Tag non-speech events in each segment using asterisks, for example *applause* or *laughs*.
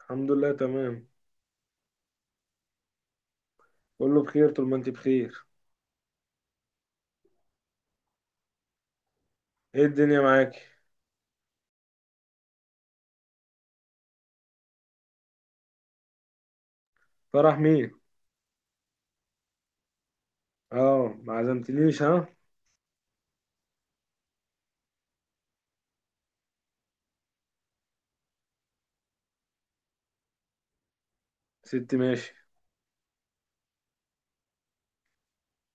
الحمد لله تمام، كله بخير طول ما انت بخير. ايه الدنيا معاكي؟ فرح مين؟ اه ما عزمتنيش ها. ست ماشي.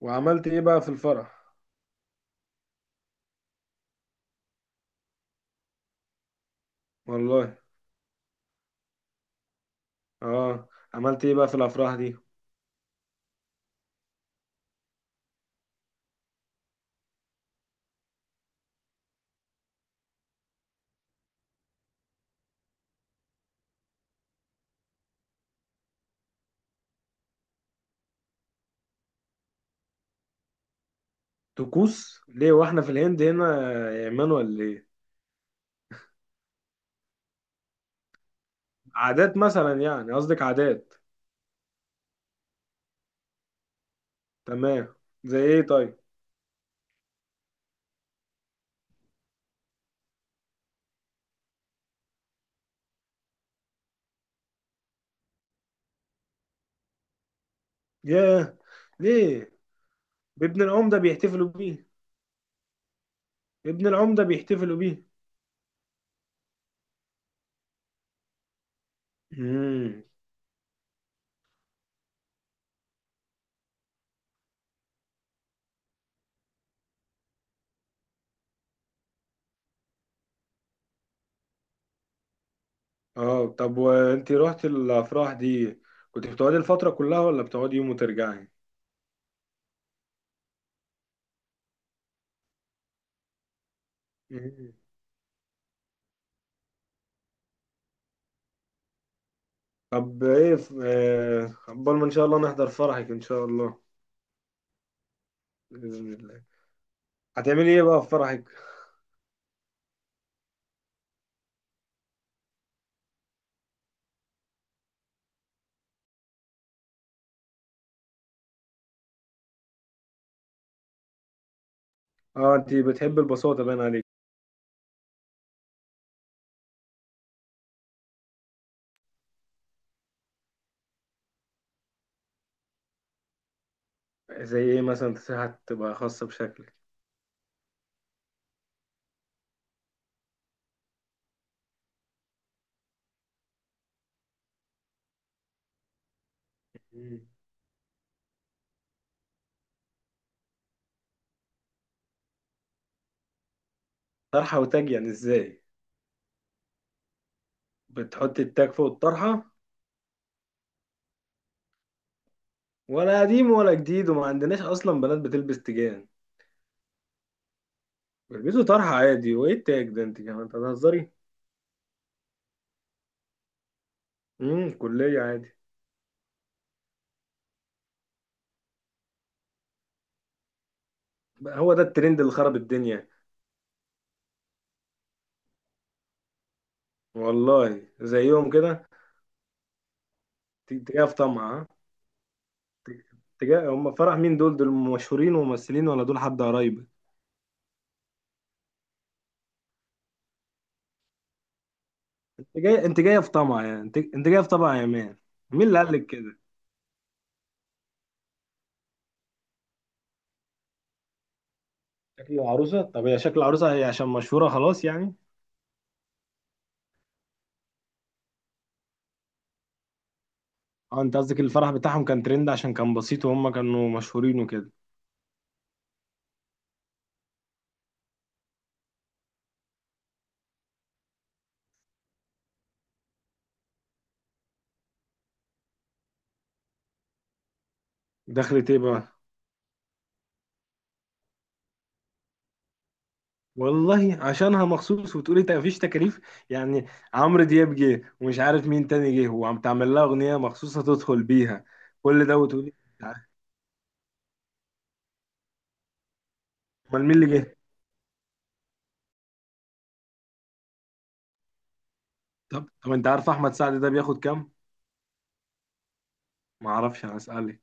وعملت ايه بقى في الفرح؟ والله. اه عملت ايه بقى في الافراح دي؟ طقوس ليه واحنا في الهند هنا يا ايمان ولا ايه؟ عادات مثلا، يعني قصدك عادات؟ تمام. زي ايه طيب؟ ياه. ليه؟ ابن العمده بيحتفلوا بيه؟ ابن العمده بيحتفلوا بيه؟ مم. اه طب وانت رحت الافراح دي كنت بتقعدي الفتره كلها ولا بتقعدي يوم وترجعي؟ مم. طب ايه عقبال ما ان شاء الله نحضر فرحك ان شاء الله. باذن الله. هتعملي ايه بقى في فرحك؟ اه انت بتحبي البساطه باين عليك. زي ايه مثلا؟ تسيحة تبقى خاصه بشكلك؟ مم. طرحه وتاج يعني ازاي؟ بتحطي التاج فوق الطرحه؟ ولا قديم ولا جديد وما عندناش اصلا بنات بتلبس تيجان. بيلبسوا طرحه عادي، وايه التاج ده؟ انت كمان أنت بتهزري. امم، كليه عادي. بقى هو ده الترند اللي خرب الدنيا؟ والله زيهم كده. تجاه في طمع ها؟ ت- تجاه هم فرح مين؟ دول مشهورين وممثلين ولا دول حد قرايبك؟ انت جاي، انت جايه في طمع يعني، انت جايه في طمع يا مان. مين اللي قال لك كده؟ شكل العروسه؟ طب هي شكل العروسه هي عشان مشهوره خلاص يعني؟ اه انت قصدك الفرح بتاعهم كان ترند عشان كان بسيط وهم كانوا مشهورين وكده. دخلت ايه بقى؟ والله عشانها مخصوص وتقولي مفيش تكاليف يعني؟ عمرو دياب جه ومش عارف مين تاني جه وعم تعمل لها اغنيه مخصوصه تدخل بيها. كل ده وتقولي مش عارف. امال مين اللي جه؟ طب طب انت عارف احمد سعد ده بياخد كام؟ ما اعرفش انا اسالك.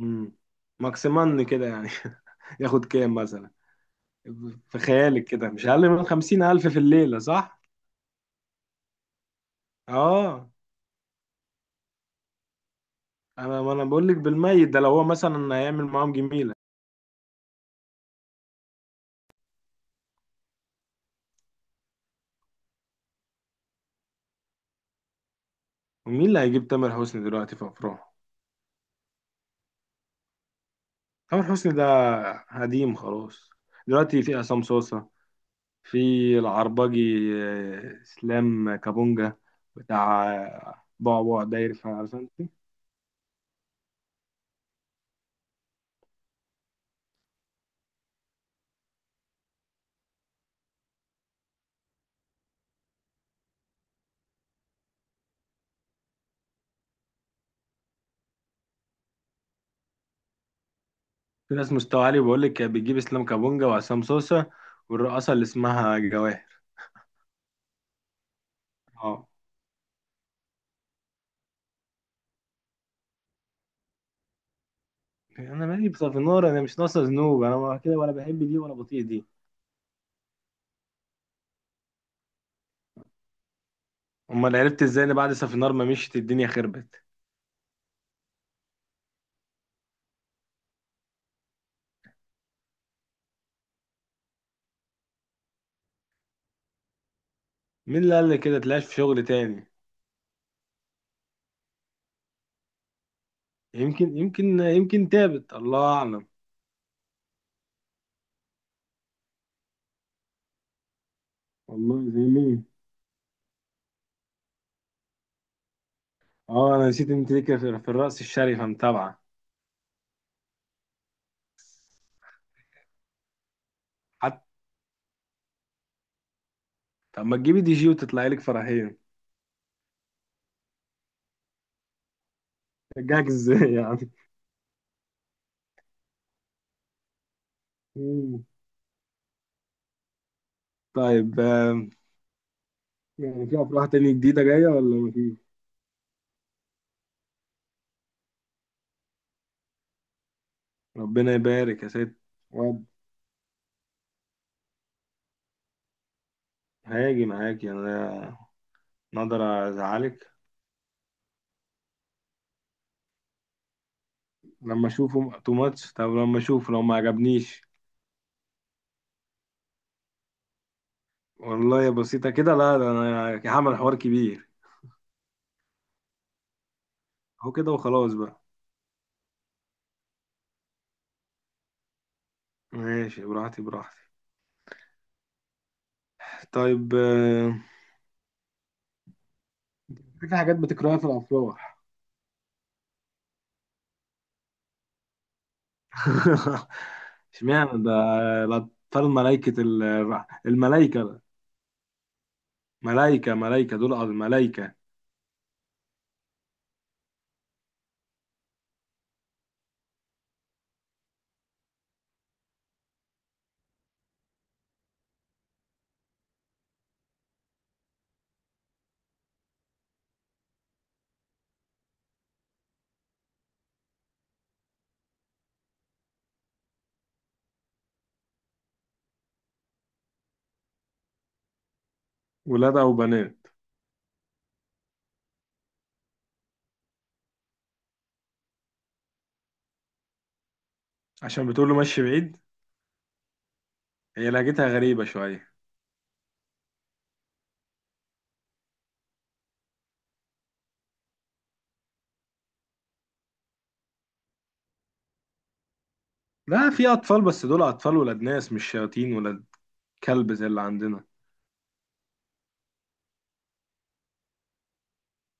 امم، ماكسيمان كده يعني. *laughs* ياخد كام مثلا في خيالك كده؟ مش اقل من 50,000 في الليله صح؟ اه. انا ما انا بقول لك بالميت، ده لو هو مثلا هيعمل معاهم جميله. ومين اللي هيجيب تامر حسني دلوقتي في افراح؟ تامر حسني ده قديم خلاص. دلوقتي في عصام صوصة، في العربجي، اسلام كابونجا، بتاع بعبع داير في، عارف انت. في ناس مستوى عالي بقول لك بتجيب اسلام كابونجا وعصام صوصة والرقاصة اللي اسمها جواهر. اه. انا مالي بصافينار؟ انا مش ناقصه ذنوب، انا ما كده، ولا بحب دي ولا بطيء دي. امال عرفت ازاي ان بعد صافينار ما مشيت الدنيا خربت؟ مين اللي قال لي كده؟ تلاش في شغل تاني. يمكن يمكن يمكن تابت، الله اعلم. والله زي مين؟ اه انا نسيت انت ليك في الرأس الشريفة متابعة. حتى؟ طب ما تجيبي دي جي وتطلعي لك فرحين. جاك ازاي يعني؟ مم. طيب يعني في افراح تانية جديدة جاية ولا مفيش؟ ربنا يبارك يا ست. واد، هاجي معاكي انا، نقدر ازعلك؟ لما اشوفه تو ماتش. طب لما اشوفه لو ما عجبنيش؟ والله يا بسيطة كده؟ لا، ده انا هعمل حوار كبير. هو كده وخلاص بقى. ماشي، براحتي براحتي. طيب في حاجات بتكرهها في الافراح؟ *laughs* اشمعنى ده؟ الأطفال ملايكة الملايكة. ملايكة ملايكة دول الملايكة. ولاد أو بنات؟ عشان بتقول له مشي بعيد؟ هي لهجتها غريبة شوية. لا في أطفال، بس دول أطفال ولاد ناس، مش شياطين ولاد كلب زي اللي عندنا.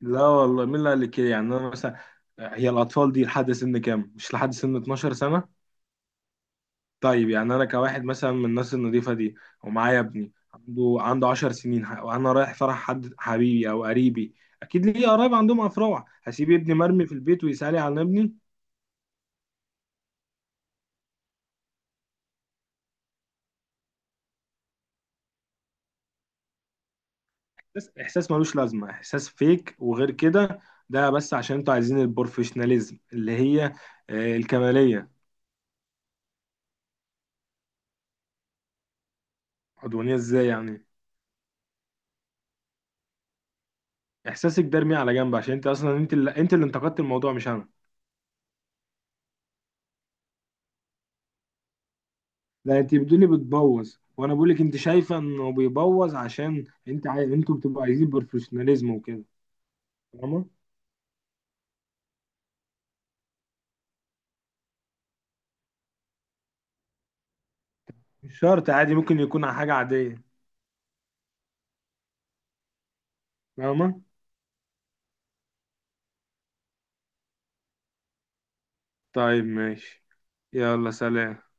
لا والله، مين اللي قال لك كده يعني؟ أنا مثلا، هي الأطفال دي لحد سن كام؟ مش لحد سن 12 سنة؟ طيب يعني انا كواحد مثلا من الناس النظيفه دي ومعايا ابني عنده 10 سنين وانا رايح فرح حد حبيبي او قريبي، اكيد ليه قرايب عندهم افراح، هسيب ابني مرمي في البيت ويسالي على ابني؟ بس احساس ملوش لازمه، احساس فيك وغير كده. ده بس عشان انتوا عايزين البروفيشناليزم اللي هي الكماليه. عدوانيه ازاي يعني؟ احساسك ده ارميه على جنب عشان انت اصلا انت اللي انتقدت الموضوع مش انا. لا انت بتقولي بتبوظ وانا بقولك انت شايفه انه بيبوظ عشان انت انتوا بتبقوا عايزين بروفيشناليزم وكده. فاهمه. مش شرط، عادي ممكن يكون حاجه عاديه. فاهمه. طيب ماشي. يلا سلام.